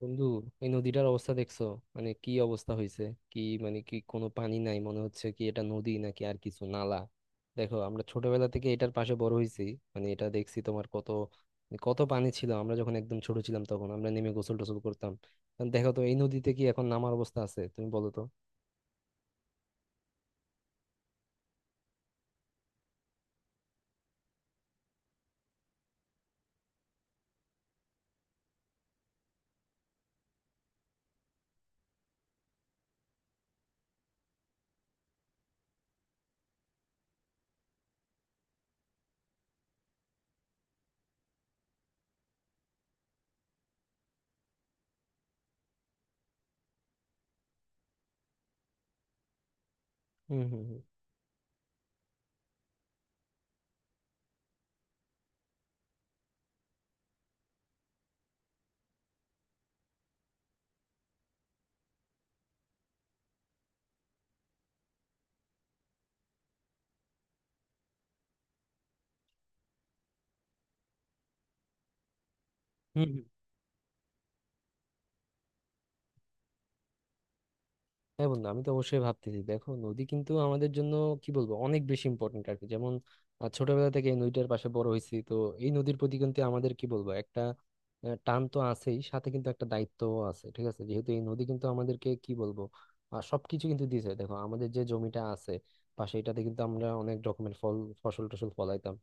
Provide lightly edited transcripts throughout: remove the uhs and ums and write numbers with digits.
বন্ধু, এই নদীটার অবস্থা দেখছো? মানে কি অবস্থা হয়েছে! কি মানে, কি কোনো পানি নাই? মনে হচ্ছে কি এটা নদী নাকি আর কিছু, নালা? দেখো, আমরা ছোটবেলা থেকে এটার পাশে বড় হয়েছি। মানে এটা দেখছি তোমার, কত কত পানি ছিল। আমরা যখন একদম ছোট ছিলাম তখন আমরা নেমে গোসল টোসল করতাম। এখন দেখো তো, এই নদীতে কি এখন নামার অবস্থা আছে? তুমি বলো তো। হুম হুম হুম হুম হুম। হ্যাঁ বন্ধু, আমি তো অবশ্যই ভাবতেছি। দেখো, নদী কিন্তু আমাদের জন্য কি বলবো, অনেক বেশি ইম্পর্টেন্ট আর কি। যেমন, ছোটবেলা থেকে এই নদীটার পাশে বড় হয়েছি তো, এই নদীর প্রতি কিন্তু আমাদের কি বলবো একটা টান তো আছেই, সাথে কিন্তু একটা দায়িত্বও আছে। ঠিক আছে, যেহেতু এই নদী কিন্তু আমাদেরকে কি বলবো, সবকিছু কিন্তু দিয়েছে। দেখো, আমাদের যে জমিটা আছে পাশে, এটাতে কিন্তু আমরা অনেক রকমের ফল ফসল টসল ফলাইতাম।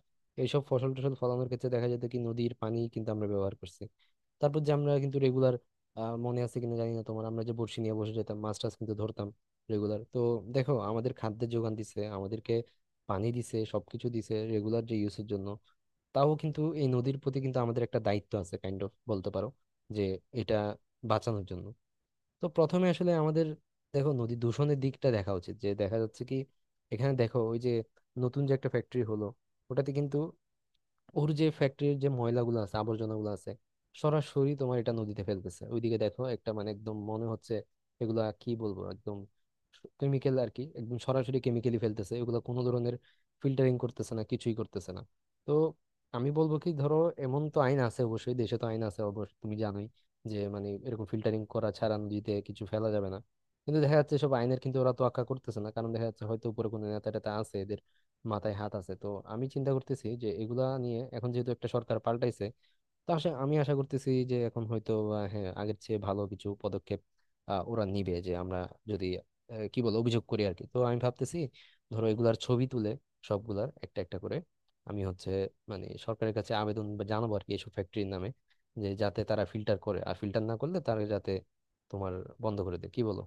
এইসব ফসল টসল ফলানোর ক্ষেত্রে দেখা যেত কি, নদীর পানি কিন্তু আমরা ব্যবহার করছি। তারপর যে আমরা কিন্তু রেগুলার মনে আছে কিনা জানি না তোমার, আমরা যে বড়শি নিয়ে বসে যেতাম, মাছ টাছ কিন্তু ধরতাম রেগুলার তো। দেখো, আমাদের খাদ্যের যোগান দিছে, আমাদেরকে পানি দিছে, সবকিছু দিছে রেগুলার যে ইউজের জন্য। তাও কিন্তু এই নদীর প্রতি কিন্তু আমাদের একটা দায়িত্ব আছে, কাইন্ড অফ বলতে পারো, যে এটা বাঁচানোর জন্য। তো প্রথমে আসলে আমাদের দেখো নদী দূষণের দিকটা দেখা উচিত। যে দেখা যাচ্ছে কি, এখানে দেখো ওই যে নতুন যে একটা ফ্যাক্টরি হলো, ওটাতে কিন্তু, ওর যে ফ্যাক্টরির যে ময়লাগুলো আছে আবর্জনাগুলো আছে, সরাসরি তোমার এটা নদীতে ফেলতেছে। ওইদিকে দেখো একটা, মানে একদম মনে হচ্ছে এগুলা কি বলবো একদম কেমিক্যাল আর কি, একদম সরাসরি কেমিক্যালি ফেলতেছে। এগুলো কোনো ধরনের ফিল্টারিং করতেছে না, কিছুই করতেছে না। তো আমি বলবো কি, ধরো এমন তো আইন আছে অবশ্যই, দেশে তো আইন আছে অবশ্যই, তুমি জানোই যে, মানে এরকম ফিল্টারিং করা ছাড়া নদীতে কিছু ফেলা যাবে না। কিন্তু দেখা যাচ্ছে সব আইনের কিন্তু ওরা তোয়াক্কা করতেছে না। কারণ দেখা যাচ্ছে হয়তো উপরে কোনো নেতা টেতা আছে, মাথায় হাত আছে তো। আমি চিন্তা করতেছি যে এগুলা নিয়ে, এখন যেহেতু একটা সরকার পাল্টাইছে, তো আসে আমি আশা করতেছি যে এখন হয়তো হ্যাঁ, আগের চেয়ে ভালো কিছু পদক্ষেপ ওরা নিবে। যে আমরা যদি কি বল, অভিযোগ করি আর কি। তো আমি ভাবতেছি, ধরো এগুলার ছবি তুলে সবগুলার একটা একটা করে, আমি হচ্ছে মানে সরকারের কাছে আবেদন বা জানাবো আর কি, এসব ফ্যাক্টরির নামে। যে যাতে তারা ফিল্টার করে, আর ফিল্টার না করলে তারা যাতে তোমার বন্ধ করে দেয়। কি বলো?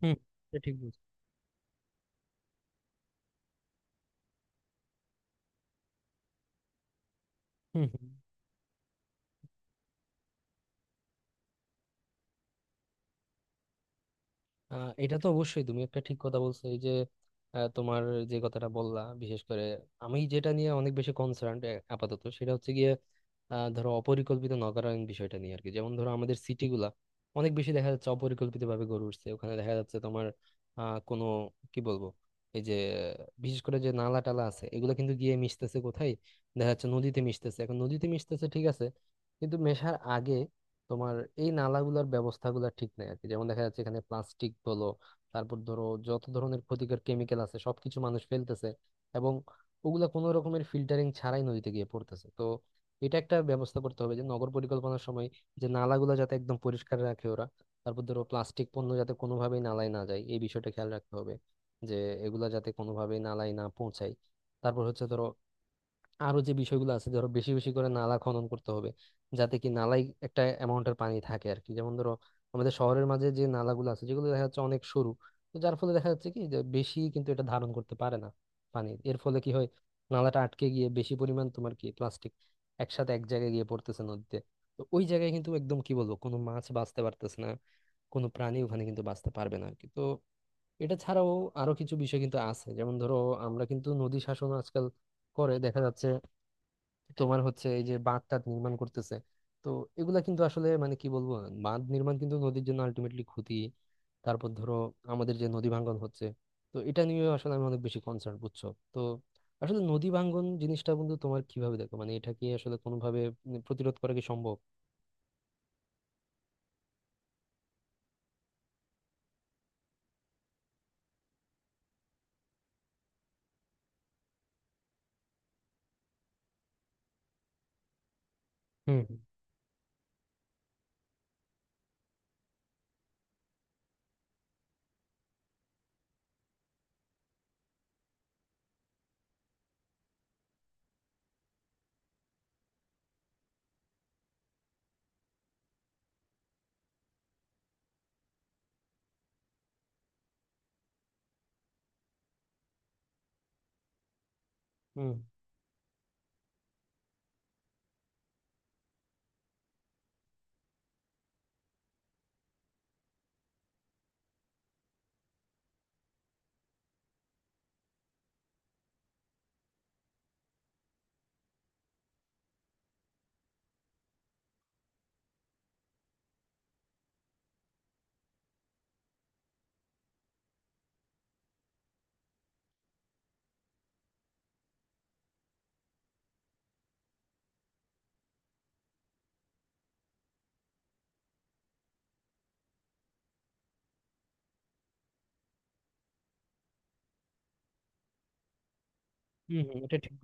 হুম, এটা ঠিক বলছো। হুম হুম। এটা তো অবশ্যই, তুমি একটা ঠিক কথা বলছো। এই যে তোমার যে কথাটা বললা, বিশেষ করে আমি যেটা নিয়ে অনেক বেশি কনসার্ন আপাতত, সেটা হচ্ছে গিয়ে ধরো অপরিকল্পিত নগরায়ণ বিষয়টা নিয়ে আর কি। যেমন ধরো, আমাদের সিটিগুলা অনেক বেশি দেখা যাচ্ছে অপরিকল্পিত ভাবে গড়ে উঠছে। ওখানে দেখা যাচ্ছে তোমার কোনো কি বলবো এই যে, বিশেষ করে যে নালা টালা আছে, এগুলো কিন্তু গিয়ে মিশতেছে কোথায়? দেখা যাচ্ছে নদীতে মিশতেছে। এখন নদীতে মিশতেছে ঠিক আছে, কিন্তু মেশার আগে তোমার এই নালাগুলোর ব্যবস্থাগুলো ঠিক নাই আর কি। যেমন দেখা যাচ্ছে এখানে প্লাস্টিক বলো, তারপর ধরো যত ধরনের ক্ষতিকর কেমিক্যাল আছে সবকিছু মানুষ ফেলতেছে, এবং ওগুলা কোনো রকমের ফিল্টারিং ছাড়াই নদীতে গিয়ে পড়তেছে। তো এটা একটা ব্যবস্থা করতে হবে, যে নগর পরিকল্পনার সময় যে নালাগুলো, যাতে একদম পরিষ্কার রাখে ওরা। তারপর ধরো প্লাস্টিক পণ্য যাতে কোনোভাবেই নালায় না যায়, এই বিষয়টা খেয়াল রাখতে হবে, যে এগুলা যাতে কোনোভাবেই নালায় না পৌঁছায়। তারপর হচ্ছে ধরো আরো যে বিষয়গুলো আছে, ধরো বেশি বেশি করে নালা খনন করতে হবে, যাতে কি নালায় একটা অ্যামাউন্টের পানি থাকে আর কি। যেমন ধরো আমাদের শহরের মাঝে যে নালাগুলো আছে, যেগুলো দেখা যাচ্ছে অনেক সরু, তো যার ফলে দেখা যাচ্ছে কি, যে বেশি কিন্তু এটা ধারণ করতে পারে না পানি। এর ফলে কি হয়, নালাটা আটকে গিয়ে বেশি পরিমাণ তোমার কি প্লাস্টিক একসাথে এক জায়গায় গিয়ে পড়তেছে নদীতে। তো ওই জায়গায় কিন্তু একদম কি বলবো, কোনো মাছ বাঁচতে পারতেছে না, কোনো প্রাণী ওখানে কিন্তু বাঁচতে পারবে না আর কি। তো এটা ছাড়াও আরো কিছু বিষয় কিন্তু আছে। যেমন ধরো আমরা কিন্তু নদী শাসন আজকাল করে, দেখা যাচ্ছে তোমার হচ্ছে এই যে বাঁধ টাধ নির্মাণ করতেছে। তো এগুলা কিন্তু আসলে মানে কি বলবো, বাঁধ নির্মাণ কিন্তু নদীর জন্য আলটিমেটলি ক্ষতি। তারপর ধরো আমাদের যে নদী ভাঙ্গন হচ্ছে, তো এটা নিয়ে আসলে আমি অনেক বেশি কনসার্ন বুঝছো। তো আসলে নদী ভাঙ্গন জিনিসটা বন্ধু তোমার কিভাবে দেখো? মানে এটা কি আসলে কোনোভাবে প্রতিরোধ করা কি সম্ভব? হুম হুম হুম হুম, এটা ঠিক।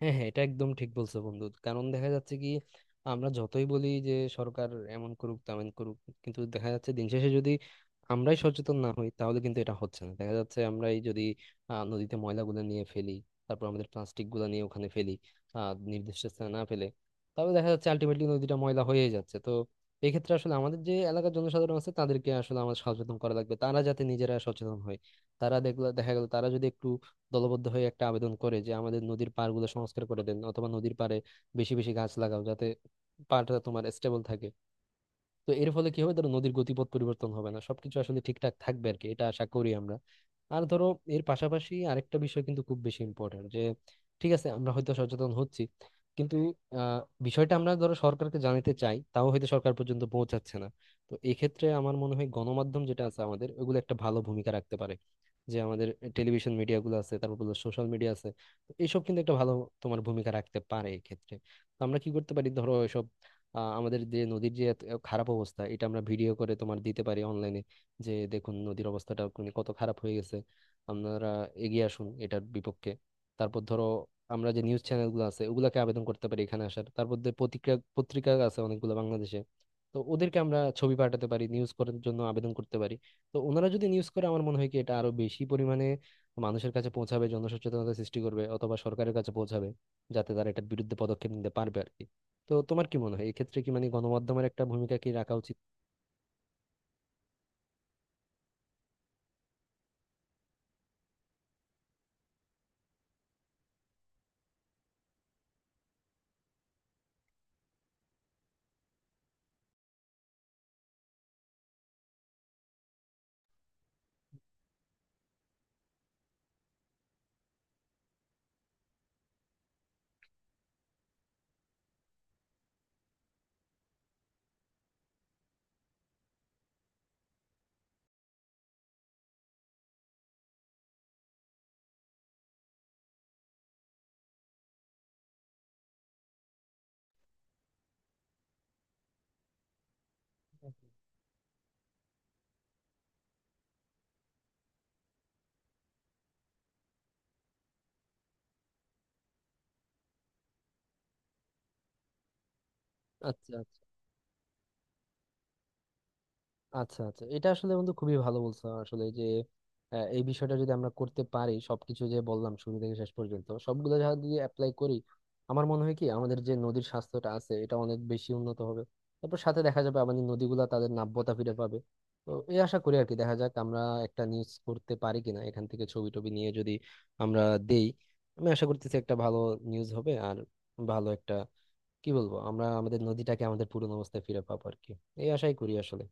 হ্যাঁ হ্যাঁ, এটা একদম ঠিক বলছো বন্ধু। কারণ দেখা যাচ্ছে কি, আমরা যতই বলি যে সরকার এমন করুক তেমন করুক, কিন্তু দেখা যাচ্ছে দিন শেষে যদি আমরাই সচেতন না হই, তাহলে কিন্তু এটা হচ্ছে না। দেখা যাচ্ছে আমরাই যদি নদীতে ময়লাগুলো নিয়ে ফেলি, তারপর আমাদের প্লাস্টিক গুলো নিয়ে ওখানে ফেলি, নির্দিষ্ট স্থানে না ফেলে, তাহলে দেখা যাচ্ছে আলটিমেটলি নদীটা ময়লা হয়ে যাচ্ছে। তো এই ক্ষেত্রে আসলে আমাদের যে এলাকার জনসাধারণ আছে, তাদেরকে আসলে আমাদের সচেতন করা লাগবে, তারা যাতে নিজেরা সচেতন হয়। তারা দেখলো, দেখা গেল তারা যদি একটু দলবদ্ধ হয়ে একটা আবেদন করে, যে আমাদের নদীর পাড়গুলো সংস্কার করে দেন, অথবা নদীর পাড়ে বেশি বেশি গাছ লাগাও, যাতে পাড়টা তোমার স্টেবল থাকে। তো এর ফলে কি হবে, ধরো নদীর গতিপথ পরিবর্তন হবে না, সবকিছু আসলে ঠিকঠাক থাকবে আর কি, এটা আশা করি আমরা। আর ধরো, এর পাশাপাশি আরেকটা বিষয় কিন্তু খুব বেশি ইম্পর্টেন্ট। যে ঠিক আছে, আমরা হয়তো সচেতন হচ্ছি, কিন্তু আহ বিষয়টা আমরা ধরো সরকারকে জানাতে চাই, তাও হয়তো সরকার পর্যন্ত পৌঁছাচ্ছে না। তো এক্ষেত্রে আমার মনে হয় গণমাধ্যম যেটা আছে আমাদের, ওগুলো একটা ভালো ভূমিকা রাখতে পারে। যে আমাদের টেলিভিশন মিডিয়া গুলো আছে, তারপর সোশ্যাল মিডিয়া আছে, তো এইসব কিন্তু একটা ভালো তোমার ভূমিকা রাখতে পারে এক্ষেত্রে। তো আমরা কি করতে পারি, ধরো এসব আমাদের যে নদীর যে এত খারাপ অবস্থা, এটা আমরা ভিডিও করে তোমার দিতে পারি অনলাইনে, যে দেখুন নদীর অবস্থাটা মানে কত খারাপ হয়ে গেছে, আপনারা এগিয়ে আসুন এটার বিপক্ষে। তারপর ধরো, আমরা যে নিউজ চ্যানেলগুলো আছে ওগুলাকে আবেদন করতে পারি এখানে আসার, তারপর যে পত্রিকা পত্রিকা আছে অনেকগুলো বাংলাদেশে, তো ওদেরকে আমরা ছবি পাঠাতে পারি, নিউজ করার জন্য আবেদন করতে পারি। তো ওনারা যদি নিউজ করে আমার মনে হয় কি এটা আরো বেশি পরিমাণে মানুষের কাছে পৌঁছাবে, জনসচেতনতা সৃষ্টি করবে, অথবা সরকারের কাছে পৌঁছাবে, যাতে তারা এটার বিরুদ্ধে পদক্ষেপ নিতে পারবে আর কি। তো তোমার কি মনে হয়, এক্ষেত্রে কি মানে গণমাধ্যমের একটা ভূমিকা কি রাখা উচিত? আচ্ছা আচ্ছা আচ্ছা আচ্ছা এটা আসলে বন্ধু খুবই ভালো বলছো আসলে। যে এই বিষয়টা যদি আমরা করতে পারি, সবকিছু যে বললাম শুরু থেকে শেষ পর্যন্ত সবগুলো যদি অ্যাপ্লাই করি, আমার মনে হয় কি আমাদের যে নদীর স্বাস্থ্যটা আছে এটা অনেক বেশি উন্নত হবে। তারপর সাথে দেখা যাবে আমাদের নদীগুলা তাদের নাব্যতা ফিরে পাবে। তো এই আশা করি আর কি। দেখা যাক আমরা একটা নিউজ করতে পারি কিনা, এখান থেকে ছবি টবি নিয়ে যদি আমরা দেই। আমি আশা করতেছি একটা ভালো নিউজ হবে, আর ভালো একটা কি বলবো, আমরা আমাদের নদীটাকে আমাদের পুরনো অবস্থায় ফিরে পাবো আর কি। এই আশাই করি আসলে।